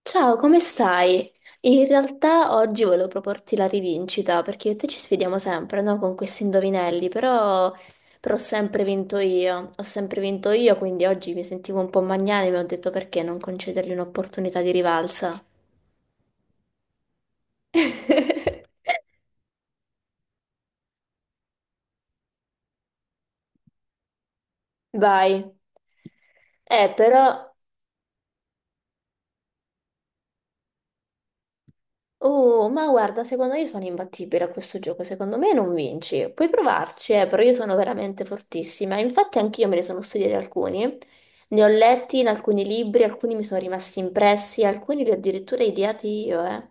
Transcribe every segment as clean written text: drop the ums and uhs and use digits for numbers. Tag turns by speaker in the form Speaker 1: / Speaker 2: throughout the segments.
Speaker 1: Ciao, come stai? In realtà oggi volevo proporti la rivincita perché io e te ci sfidiamo sempre, no? Con questi indovinelli, però ho sempre vinto io, ho sempre vinto io, quindi oggi mi sentivo un po' magnanima e mi ho detto perché non concedergli un'opportunità di rivalsa. Vai. Però Oh, ma guarda, secondo me io sono imbattibile a questo gioco, secondo me non vinci. Puoi provarci, però io sono veramente fortissima. Infatti anch'io me ne sono studiati alcuni, ne ho letti in alcuni libri, alcuni mi sono rimasti impressi, alcuni li ho addirittura ideati io, eh.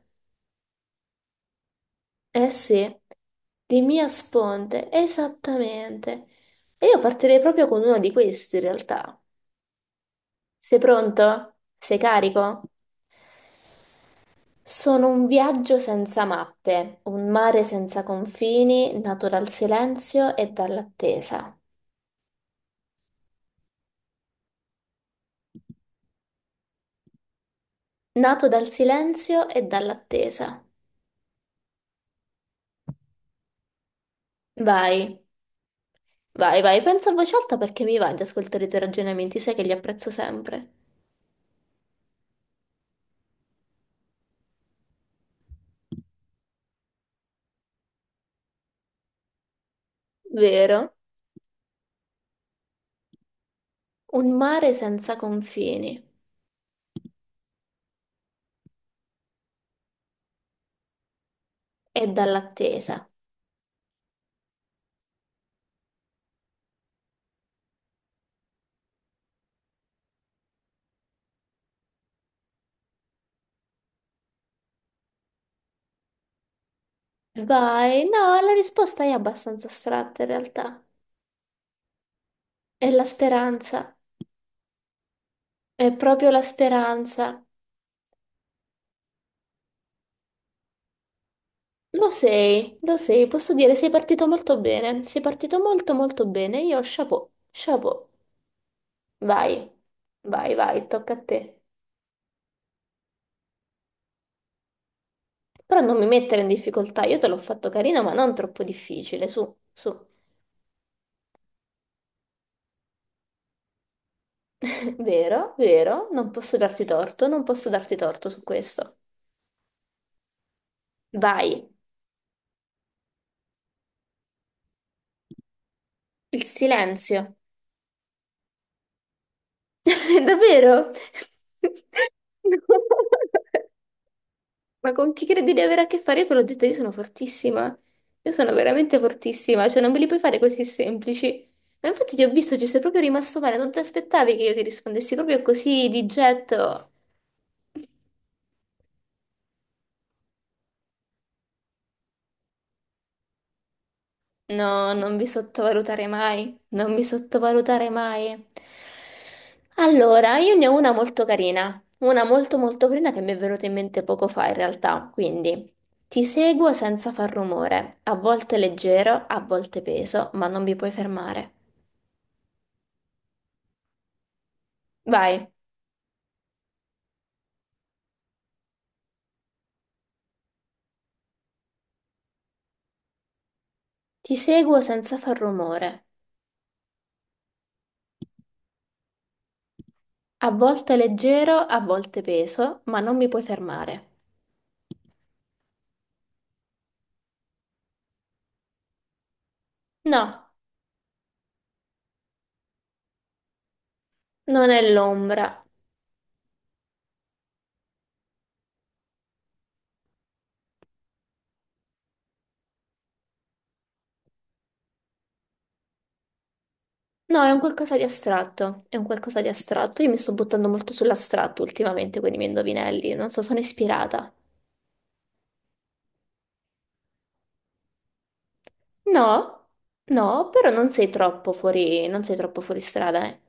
Speaker 1: Eh sì, di Mia Sponte, esattamente. E io partirei proprio con uno di questi, in realtà. Sei pronto? Sei carico? Sono un viaggio senza mappe, un mare senza confini, nato dal silenzio e dall'attesa. Nato dal silenzio e dall'attesa. Vai, vai, vai, pensa a voce alta perché mi va di ascoltare i tuoi ragionamenti, sai che li apprezzo sempre. Vero? Un mare senza confini e dall'attesa. Vai, no, la risposta è abbastanza astratta in realtà. È la speranza, è proprio la speranza. Lo sei, posso dire, sei partito molto bene, sei partito molto molto bene, io chapeau, chapeau, vai, vai, vai, tocca a te. Però non mi mettere in difficoltà, io te l'ho fatto carino, ma non troppo difficile, su, su. Vero, vero, non posso darti torto, non posso darti torto su questo. Vai, il silenzio. Davvero? No. Ma con chi credi di avere a che fare? Io te l'ho detto, io sono fortissima. Io sono veramente fortissima, cioè non me li puoi fare così semplici. Ma infatti ti ho visto, ci sei proprio rimasto male, non ti aspettavi che io ti rispondessi proprio così di getto. No, non mi sottovalutare mai, non mi sottovalutare mai. Allora, io ne ho una molto carina, una molto molto carina che mi è venuta in mente poco fa in realtà, quindi ti seguo senza far rumore, a volte leggero, a volte peso, ma non mi puoi fermare. Vai, ti seguo senza far rumore. A volte leggero, a volte peso, ma non mi puoi fermare. No, non è l'ombra. No, è un qualcosa di astratto. È un qualcosa di astratto. Io mi sto buttando molto sull'astratto ultimamente con i miei indovinelli. Non so, sono ispirata. No, no, però non sei troppo fuori, non sei troppo fuori strada, eh.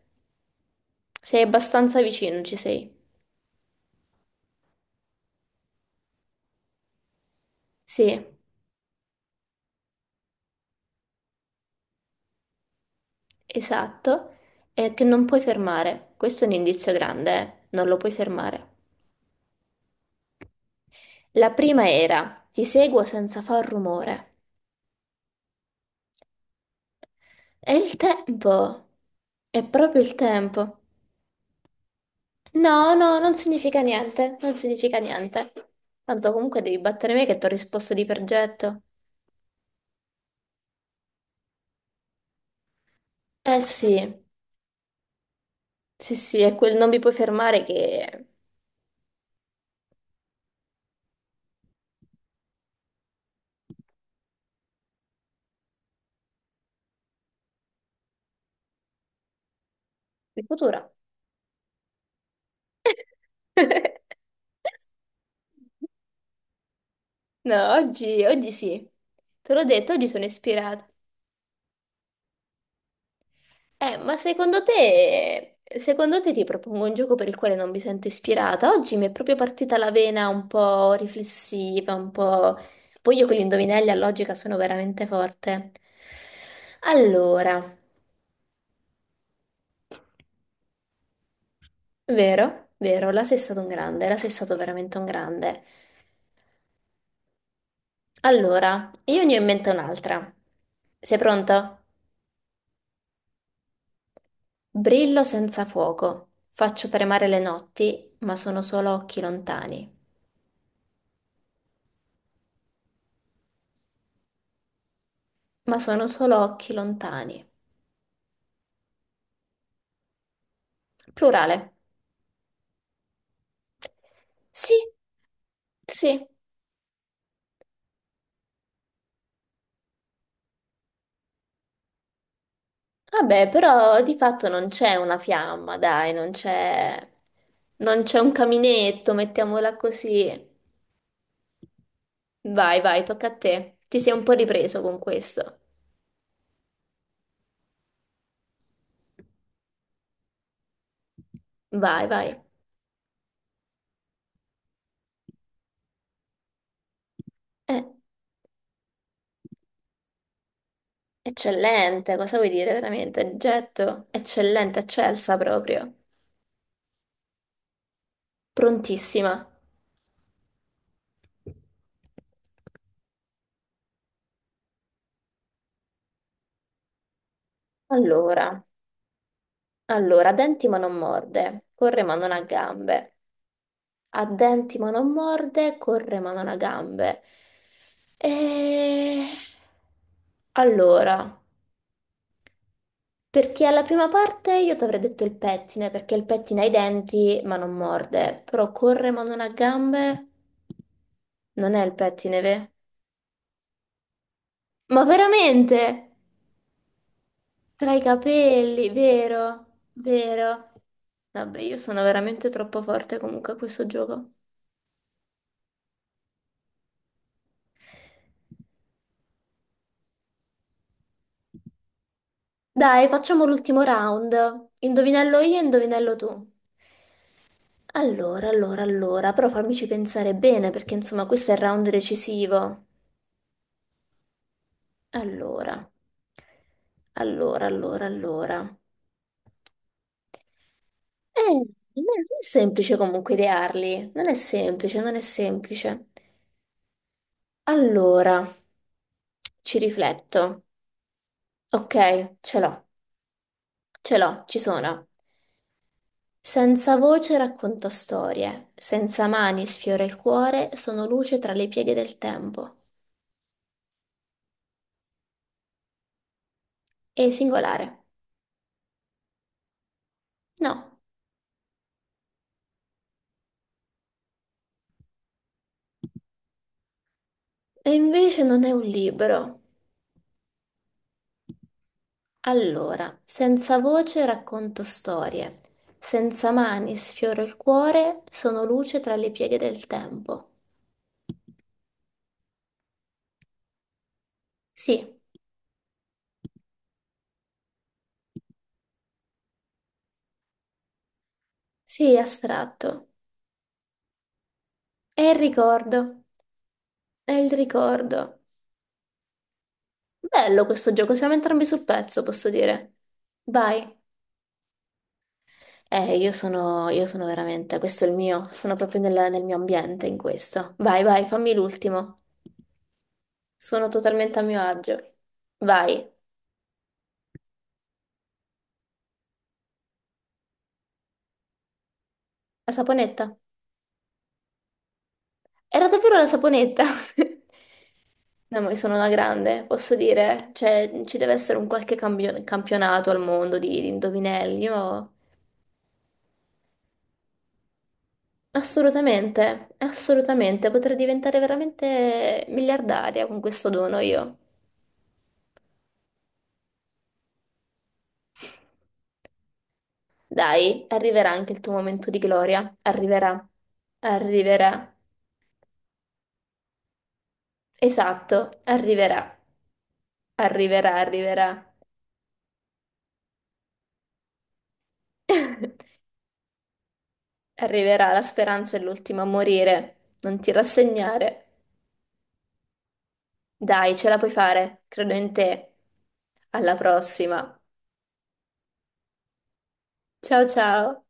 Speaker 1: Sei abbastanza vicino, ci sei. Sì, esatto. È che non puoi fermare. Questo è un indizio grande, eh. Non lo puoi fermare. La prima era ti seguo senza far rumore. È il tempo. È proprio il tempo. No, no, non significa niente, non significa niente. Tanto comunque devi battere me che ti ho risposto di progetto. Eh sì, sì, sì, è quel non mi puoi fermare che è futura. No, oggi, oggi sì. Te l'ho detto, oggi sono ispirata. Ma secondo te ti propongo un gioco per il quale non mi sento ispirata? Oggi mi è proprio partita la vena un po' riflessiva, un po'... Poi io con gli indovinelli a logica sono veramente forte. Allora, vero, vero, la sei stato un grande, la sei stato veramente un grande. Allora, io ne ho in mente un'altra. Sei pronto? Brillo senza fuoco, faccio tremare le notti, ma sono solo occhi lontani. Ma sono solo occhi lontani. Plurale. Sì, sì. Vabbè, però di fatto non c'è una fiamma, dai, non c'è un caminetto, mettiamola così. Vai, vai, tocca a te. Ti sei un po' ripreso con questo. Vai, vai. Eh, eccellente, cosa vuoi dire veramente? Getto, eccellente, eccelsa proprio. Prontissima. Allora, allora, denti ma non morde, corre ma non ha gambe. Ha denti ma non morde, corre ma non ha gambe. E... Allora, perché alla prima parte io ti avrei detto il pettine, perché il pettine ha i denti ma non morde, però corre ma non ha gambe, non è il pettine, ve? Ma veramente? Tra i capelli, vero? Vero? Vabbè, io sono veramente troppo forte comunque a questo gioco. Dai, facciamo l'ultimo round. Indovinello io, indovinello tu. Allora, allora, allora, però fammici pensare bene perché insomma questo è il round decisivo. Allora, allora, allora, allora. Eh, non è semplice comunque idearli, non è semplice, non è semplice. Allora, ci rifletto. Ok, ce l'ho, ci sono. Senza voce racconto storie, senza mani sfiora il cuore, sono luce tra le pieghe del tempo. È singolare. No. E invece non è un libro. Allora, senza voce racconto storie, senza mani sfioro il cuore, sono luce tra le pieghe del tempo. Sì, sì, astratto. È il ricordo, è il ricordo. Bello questo gioco, siamo entrambi sul pezzo, posso dire. Vai. Io sono veramente, questo è il mio, sono proprio nel mio ambiente in questo. Vai, vai, fammi l'ultimo. Sono totalmente a mio agio. Vai. La saponetta. Era davvero la saponetta. No, ma io sono una grande, posso dire. Cioè, ci deve essere un qualche campionato al mondo di, indovinelli. Io... Assolutamente, assolutamente. Potrei diventare veramente miliardaria con questo dono io. Dai, arriverà anche il tuo momento di gloria. Arriverà. Arriverà. Esatto, arriverà. Arriverà, arriverà. Arriverà, la speranza è l'ultima a morire. Non ti rassegnare. Dai, ce la puoi fare, credo in te. Alla prossima. Ciao ciao.